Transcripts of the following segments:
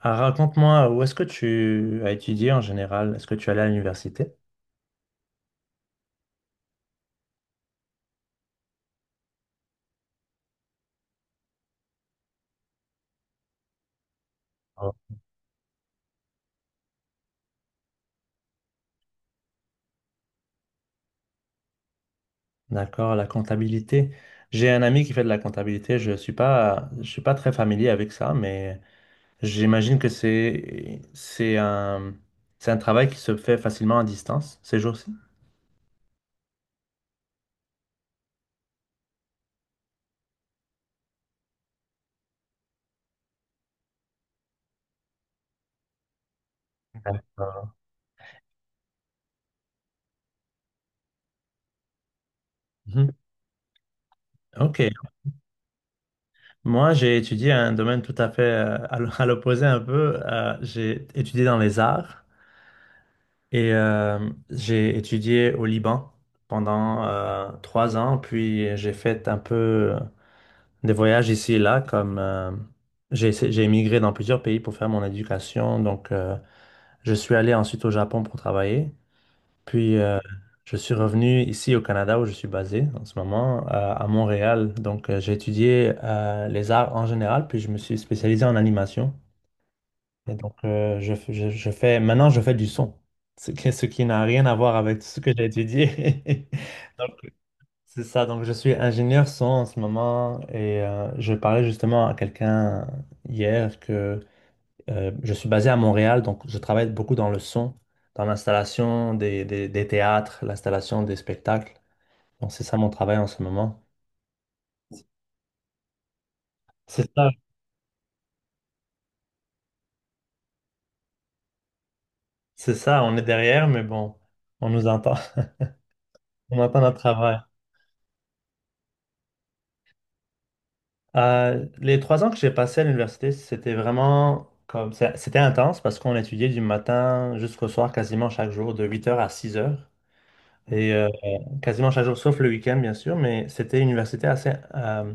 Ah, raconte-moi, où est-ce que tu as étudié en général? Est-ce que tu allais à l'université? Oh. D'accord, la comptabilité. J'ai un ami qui fait de la comptabilité. Je suis pas très familier avec ça, mais j'imagine que c'est un travail qui se fait facilement à distance ces jours-ci. Ah. Mhm. Ok. Moi, j'ai étudié un domaine tout à fait à l'opposé un peu. J'ai étudié dans les arts. Et j'ai étudié au Liban pendant 3 ans, puis j'ai fait un peu euh, des voyages ici et là, comme j'ai émigré dans plusieurs pays pour faire mon éducation. Donc, je suis allé ensuite au Japon pour travailler, puis je suis revenu ici au Canada où je suis basé en ce moment, à Montréal. Donc, j'ai étudié les arts en général, puis je me suis spécialisé en animation. Et donc, je, f- je fais, maintenant, je fais du son, ce qui n'a rien à voir avec tout ce que j'ai étudié. Donc, c'est ça. Donc, je suis ingénieur son en ce moment et je parlais justement à quelqu'un hier que je suis basé à Montréal, donc je travaille beaucoup dans le son, dans l'installation des théâtres, l'installation des spectacles. Donc, c'est ça mon travail en ce moment. C'est ça, c'est ça, on est derrière, mais bon, on nous entend, on entend notre travail. Les 3 ans que j'ai passés à l'université, c'était vraiment c'était intense parce qu'on étudiait du matin jusqu'au soir, quasiment chaque jour, de 8 heures à 6 heures. Et quasiment chaque jour, sauf le week-end, bien sûr, mais c'était une université assez,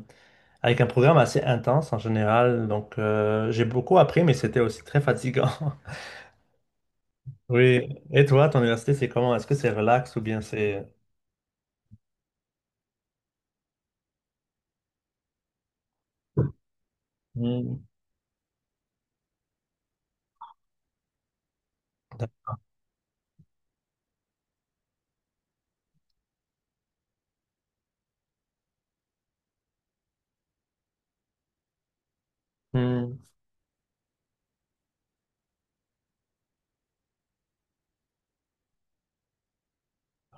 avec un programme assez intense en général. Donc, j'ai beaucoup appris, mais c'était aussi très fatigant. Oui. Et toi, ton université, c'est comment? Est-ce que c'est relax ou bien c'est. Hmm. Hmm.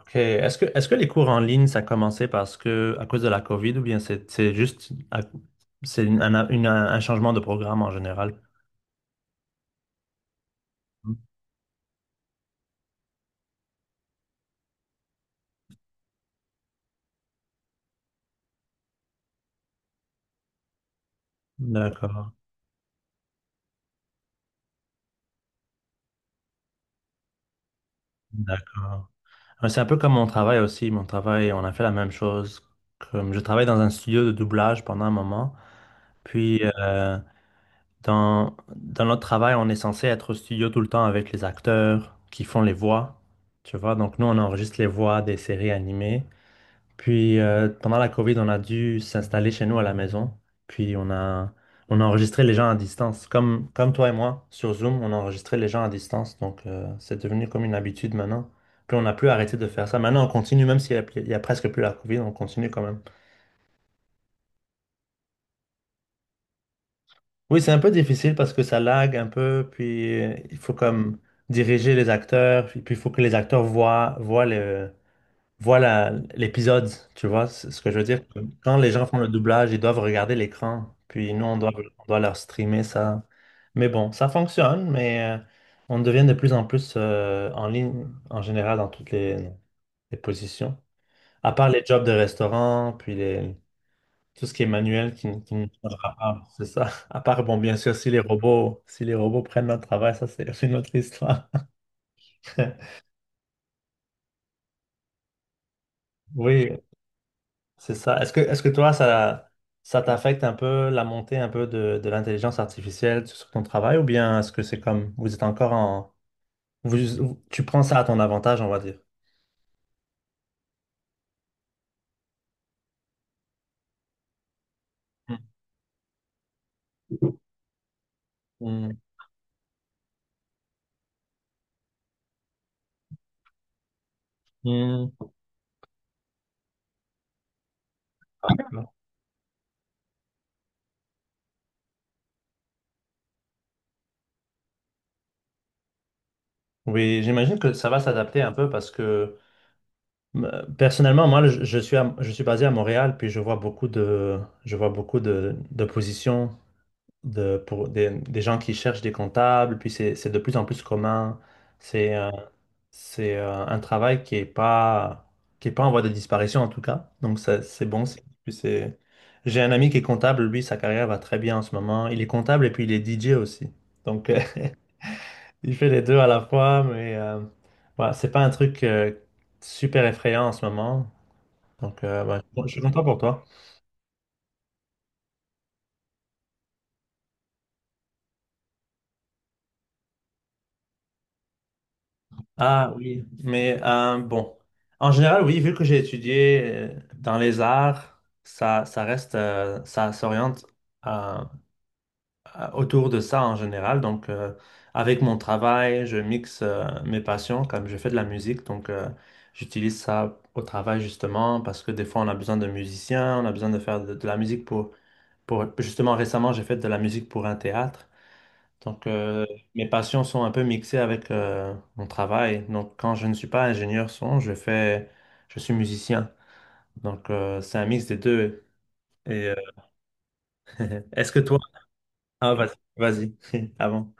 OK. Est-ce que les cours en ligne, ça a commencé parce que, à cause de la COVID ou bien c'est c'est un changement de programme en général? D'accord, d'accord. Ouais, c'est un peu comme mon travail aussi. Mon travail, on a fait la même chose. Comme je travaille dans un studio de doublage pendant un moment. Puis, dans notre travail, on est censé être au studio tout le temps avec les acteurs qui font les voix. Tu vois, donc nous, on enregistre les voix des séries animées. Puis pendant la COVID, on a dû s'installer chez nous à la maison. Puis on a, on a enregistré les gens à distance. Comme toi et moi, sur Zoom, on a enregistré les gens à distance. Donc c'est devenu comme une habitude maintenant. Puis on n'a plus arrêté de faire ça. Maintenant, on continue, même s'il y a presque plus la COVID, on continue quand même. Oui, c'est un peu difficile parce que ça lag un peu. Puis il faut comme diriger les acteurs. Puis il faut que les acteurs voient le voilà l'épisode, tu vois, c'est ce que je veux dire. Quand les gens font le doublage, ils doivent regarder l'écran, puis nous, on doit leur streamer ça. Mais bon, ça fonctionne, mais on devient de plus en plus en ligne, en général, dans toutes les positions. À part les jobs de restaurant, puis tout ce qui est manuel qui nous parle, c'est ça. À part, bon, bien sûr, si les robots prennent notre travail, ça, c'est une autre histoire. Oui, c'est ça. Est-ce que toi, ça t'affecte un peu la montée un peu de l'intelligence artificielle sur ton travail ou bien est-ce que c'est comme vous êtes encore en. Tu prends ça à ton avantage, on va dire. Mm, mm. Oui, j'imagine que ça va s'adapter un peu parce que personnellement, moi, je suis basé à Montréal, puis je vois beaucoup de positions pour des gens qui cherchent des comptables, puis c'est de plus en plus commun. C'est un travail qui est pas en voie de disparition en tout cas. Donc ça, c'est bon. J'ai un ami qui est comptable, lui, sa carrière va très bien en ce moment. Il est comptable et puis il est DJ aussi. Donc il fait les deux à la fois, mais voilà, c'est pas un truc super effrayant en ce moment. Donc ouais, je suis content pour toi. Ah oui, mais bon. En général, oui, vu que j'ai étudié dans les arts, ça reste, ça s'oriente. euh, Autour de ça en général. Donc, avec mon travail, je mixe mes passions, comme je fais de la musique. Donc, j'utilise ça au travail justement parce que des fois, on a besoin de musiciens, on a besoin de faire de la musique pour, justement, récemment, j'ai fait de la musique pour un théâtre. Donc, mes passions sont un peu mixées avec mon travail. Donc, quand je ne suis pas ingénieur son, je fais. Je suis musicien. Donc, c'est un mix des deux. Et est-ce que toi. Ah, vas-y, vas-y, avant.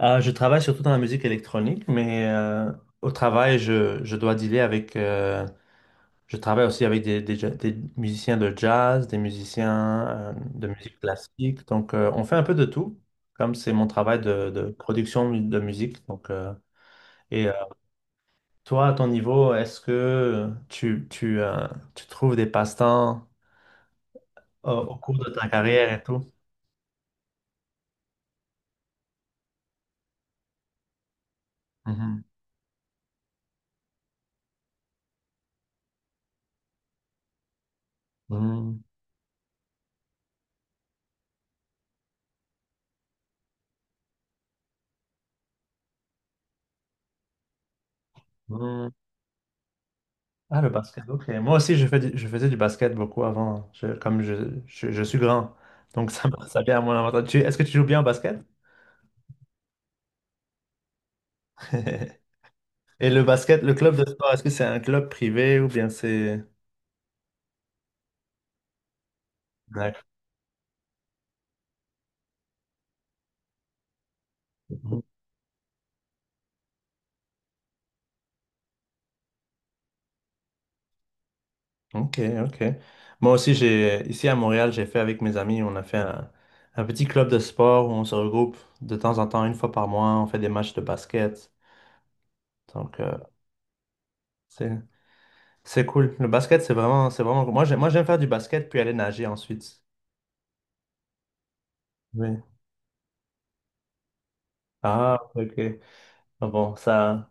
Je travaille surtout dans la musique électronique, mais au travail, je dois dealer avec. Je travaille aussi avec des musiciens de jazz, des musiciens de musique classique. Donc, on fait un peu de tout, comme c'est mon travail de, de musique. Donc, et euh, toi, à ton niveau, est-ce que tu trouves des passe-temps au cours de ta carrière et tout? Mhm. Mhm. Ah, le basket, ok. Moi aussi, je faisais du basket beaucoup avant, comme je suis grand. Donc, ça, ça vient à mon avantage. Est-ce que tu joues bien au basket? Et le basket, le club de sport, est-ce que c'est un club privé ou bien c'est. D'accord. Ok, ok. Moi aussi, ici à Montréal, j'ai fait avec mes amis, on a fait un petit club de sport où on se regroupe de temps en temps, une fois par mois, on fait des matchs de basket. Donc, c'est, c'est cool. Le basket, c'est vraiment. Moi, j'aime faire du basket puis aller nager ensuite. Oui. Ah, ok. Ah bon, ça,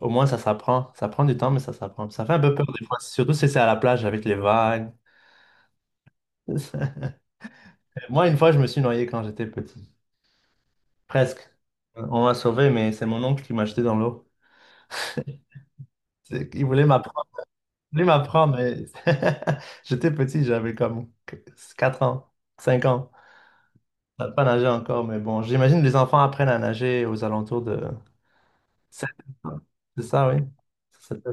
au moins, ça s'apprend. Ça prend du temps, mais ça s'apprend. Ça fait un peu peur des fois, surtout si c'est à la plage avec les vagues. Moi, une fois, je me suis noyé quand j'étais petit. Presque. On m'a sauvé, mais c'est mon oncle qui m'a jeté dans l'eau. C'est- Il voulait m'apprendre, il voulait m'apprendre mais j'étais petit, j'avais comme 4 ans, 5 ans. Je savais pas nager encore, mais bon, j'imagine que les enfants apprennent à nager aux alentours de 7 ans. C'est ça, oui. C'est ça.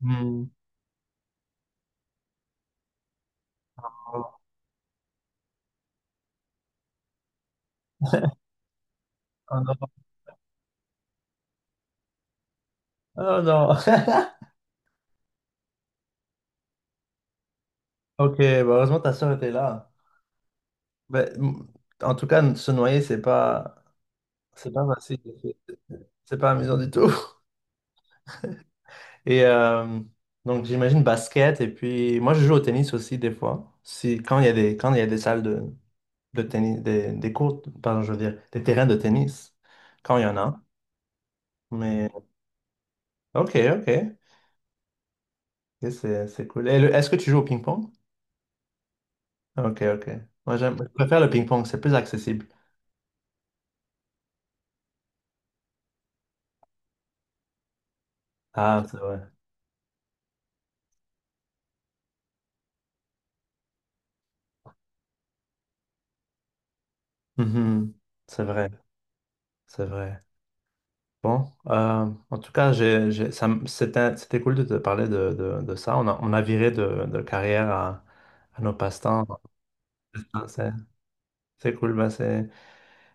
Hmm. Oh oh non. Oh non. Ok, bah heureusement ta soeur était là. Bah, en tout cas, se noyer, c'est pas, facile. C'est pas amusant du tout. Et donc, j'imagine basket. Et puis, moi, je joue au tennis aussi des fois. Si, quand il y a des, quand il y a des salles de tennis, des courts, pardon, je veux dire, des terrains de tennis, quand il y en a. Mais, ok, ok. Et c'est cool. Et Est-ce que tu joues au ping-pong? Ok, ok. Moi, je préfère le ping-pong, c'est plus accessible. Ah, c'est vrai. Mhm. C'est vrai, c'est vrai. Bon, en tout cas, c'était cool de te parler de ça. On a viré de carrière à nos passe-temps. Ah, c'est cool, bah, c'est.